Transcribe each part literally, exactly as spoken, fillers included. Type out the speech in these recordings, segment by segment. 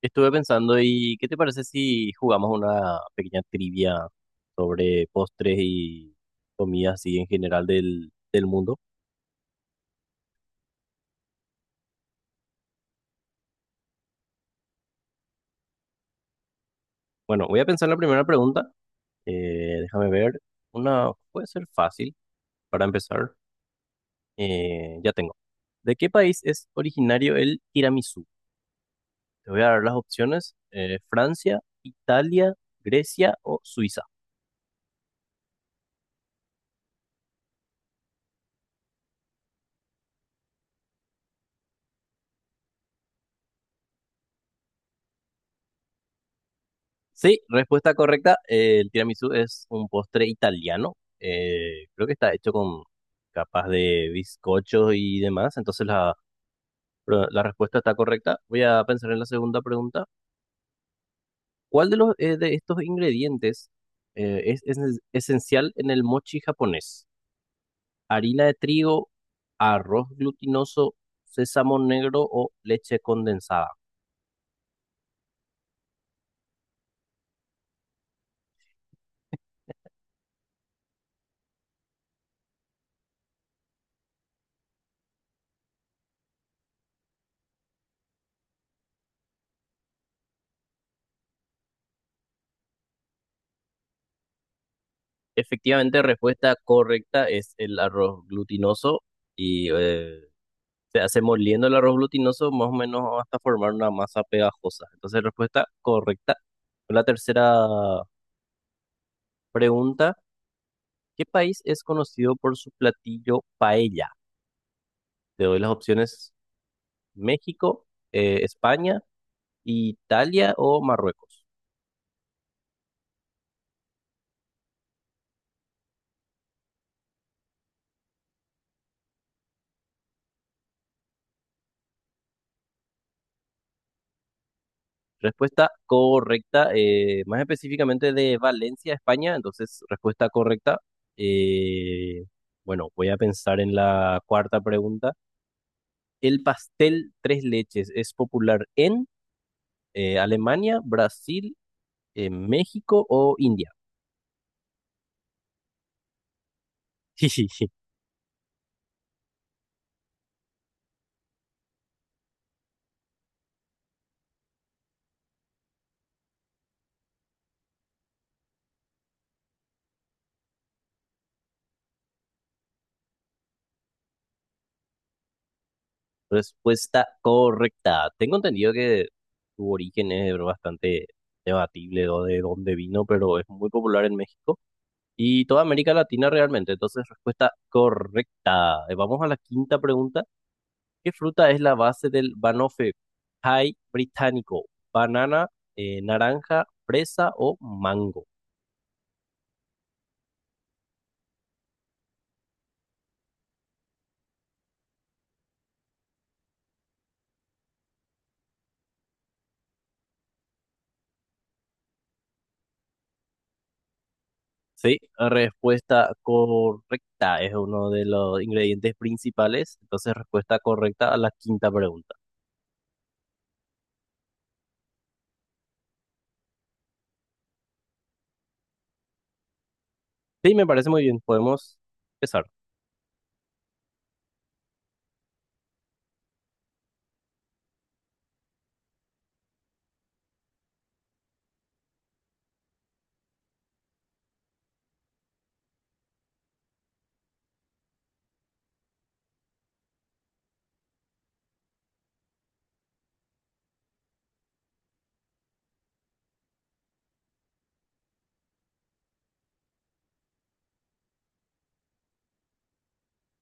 Estuve pensando, ¿y qué te parece si jugamos una pequeña trivia sobre postres y comidas así en general del, del mundo? Bueno, voy a pensar en la primera pregunta. Eh, déjame ver. Una puede ser fácil para empezar. Eh, ya tengo. ¿De qué país es originario el tiramisú? Te voy a dar las opciones. eh, Francia, Italia, Grecia o Suiza. Sí, respuesta correcta. Eh, el tiramisú es un postre italiano. Eh, creo que está hecho con capas de bizcocho y demás. Entonces la, pro- la respuesta está correcta. Voy a pensar en la segunda pregunta. ¿Cuál de los eh, de estos ingredientes eh, es, es esencial en el mochi japonés? ¿Harina de trigo, arroz glutinoso, sésamo negro o leche condensada? Efectivamente, respuesta correcta es el arroz glutinoso y eh, se hace moliendo el arroz glutinoso más o menos hasta formar una masa pegajosa. Entonces, respuesta correcta. La tercera pregunta, ¿qué país es conocido por su platillo paella? Te doy las opciones: México, eh, España, Italia o Marruecos. Respuesta correcta, eh, más específicamente de Valencia, España. Entonces, respuesta correcta. eh, bueno, voy a pensar en la cuarta pregunta. ¿El pastel tres leches es popular en Eh, Alemania, Brasil, eh, México o India? Respuesta correcta. Tengo entendido que su origen es bastante debatible o de dónde vino, pero es muy popular en México y toda América Latina realmente. Entonces, respuesta correcta. Eh, Vamos a la quinta pregunta. ¿Qué fruta es la base del banoffee pie británico? ¿Banana, eh, naranja, fresa o mango? Sí, respuesta correcta, es uno de los ingredientes principales. Entonces, respuesta correcta a la quinta pregunta. Sí, me parece muy bien. Podemos empezar.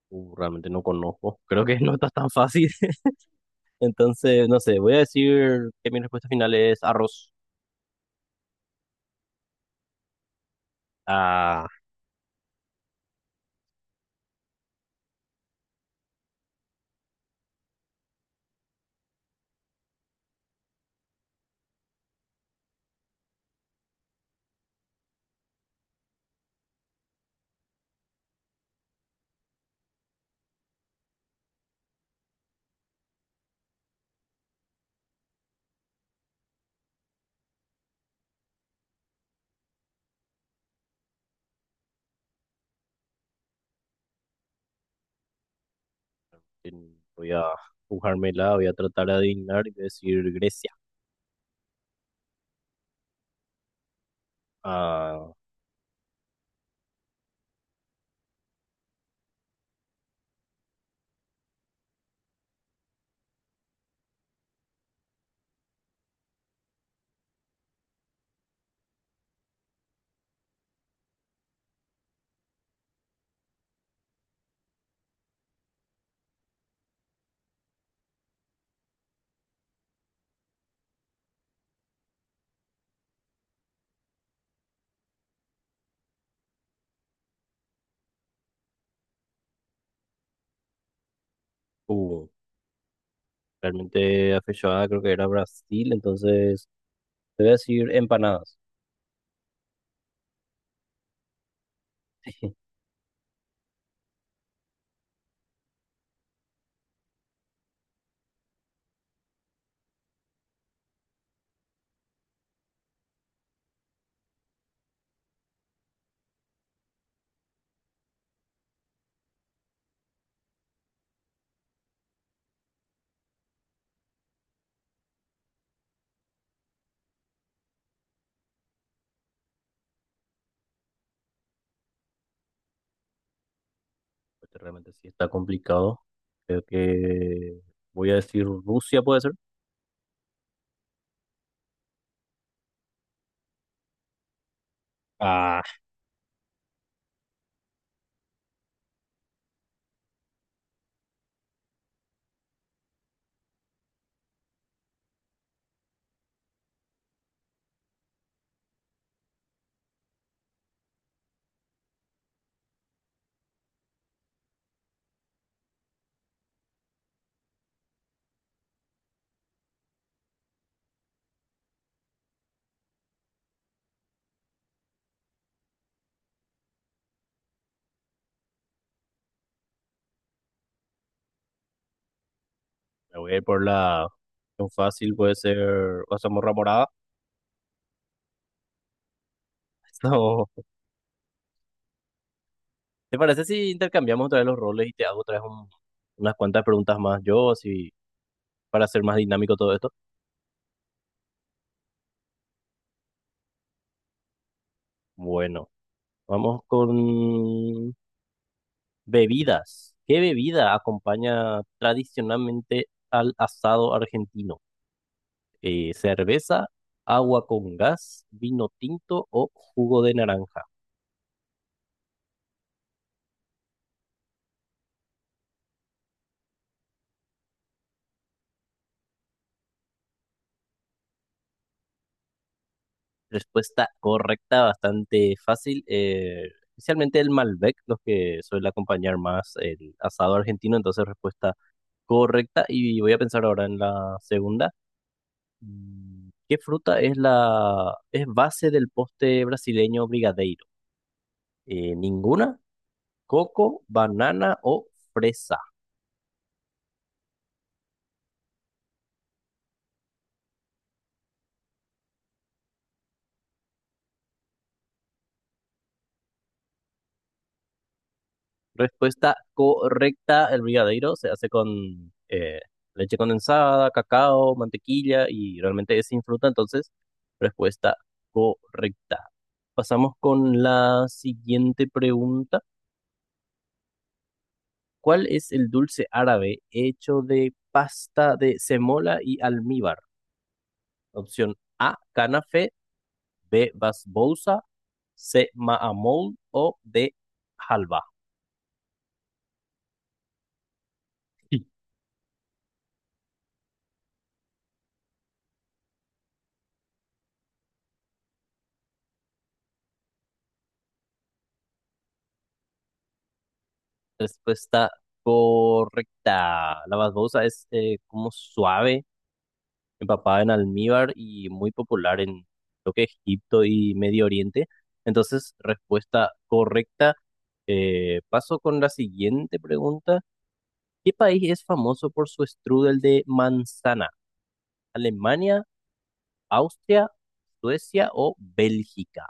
Uh, realmente no conozco. Creo que no está tan fácil. Entonces, no sé, voy a decir que mi respuesta final es arroz. Ah, en- voy a jugármela, voy a tratar de adivinar y voy a decir Grecia. Ah, uh, realmente afechada creo que era Brasil. Entonces, te voy a decir empanadas. Porque realmente sí está complicado. Creo que voy a decir Rusia, puede ser. Ah, me voy a ir por la opción fácil, puede ser la Zamorra Morada. No. ¿Te parece si intercambiamos otra vez los roles y te hago otra vez un- unas cuantas preguntas más yo, así para hacer más dinámico todo esto? Bueno, vamos con bebidas. ¿Qué bebida acompaña tradicionalmente al asado argentino? Eh, cerveza, agua con gas, vino tinto o jugo de naranja. Respuesta correcta, bastante fácil. Eh, especialmente el Malbec, los que suele acompañar más el asado argentino. Entonces, respuesta correcta. Y voy a pensar ahora en la segunda. Mm, ¿qué fruta es la es base del postre brasileño brigadeiro? Eh, ¿ninguna? ¿Coco, banana o fresa? Respuesta correcta, el brigadeiro se hace con eh, leche condensada, cacao, mantequilla y realmente es sin fruta, entonces respuesta correcta. Pasamos con la siguiente pregunta. ¿Cuál es el dulce árabe hecho de pasta de semola y almíbar? Opción A, canafe; B, basbousa; C, maamol; o D, halva. Respuesta correcta. La basbosa es eh, como suave, empapada en almíbar y muy popular en lo que es Egipto y Medio Oriente. Entonces, respuesta correcta. Eh, paso con la siguiente pregunta. ¿Qué país es famoso por su strudel de manzana? ¿Alemania, Austria, Suecia o Bélgica?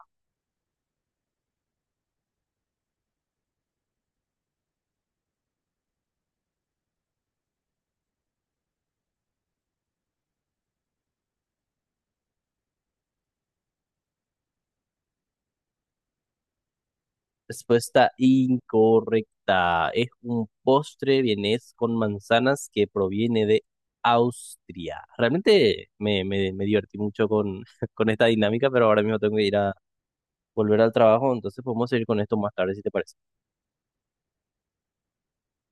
Respuesta incorrecta. Es un postre vienés con manzanas que proviene de Austria. Realmente me, me, me divertí mucho con, con esta dinámica, pero ahora mismo tengo que ir a volver al trabajo, entonces podemos seguir con esto más tarde si te parece.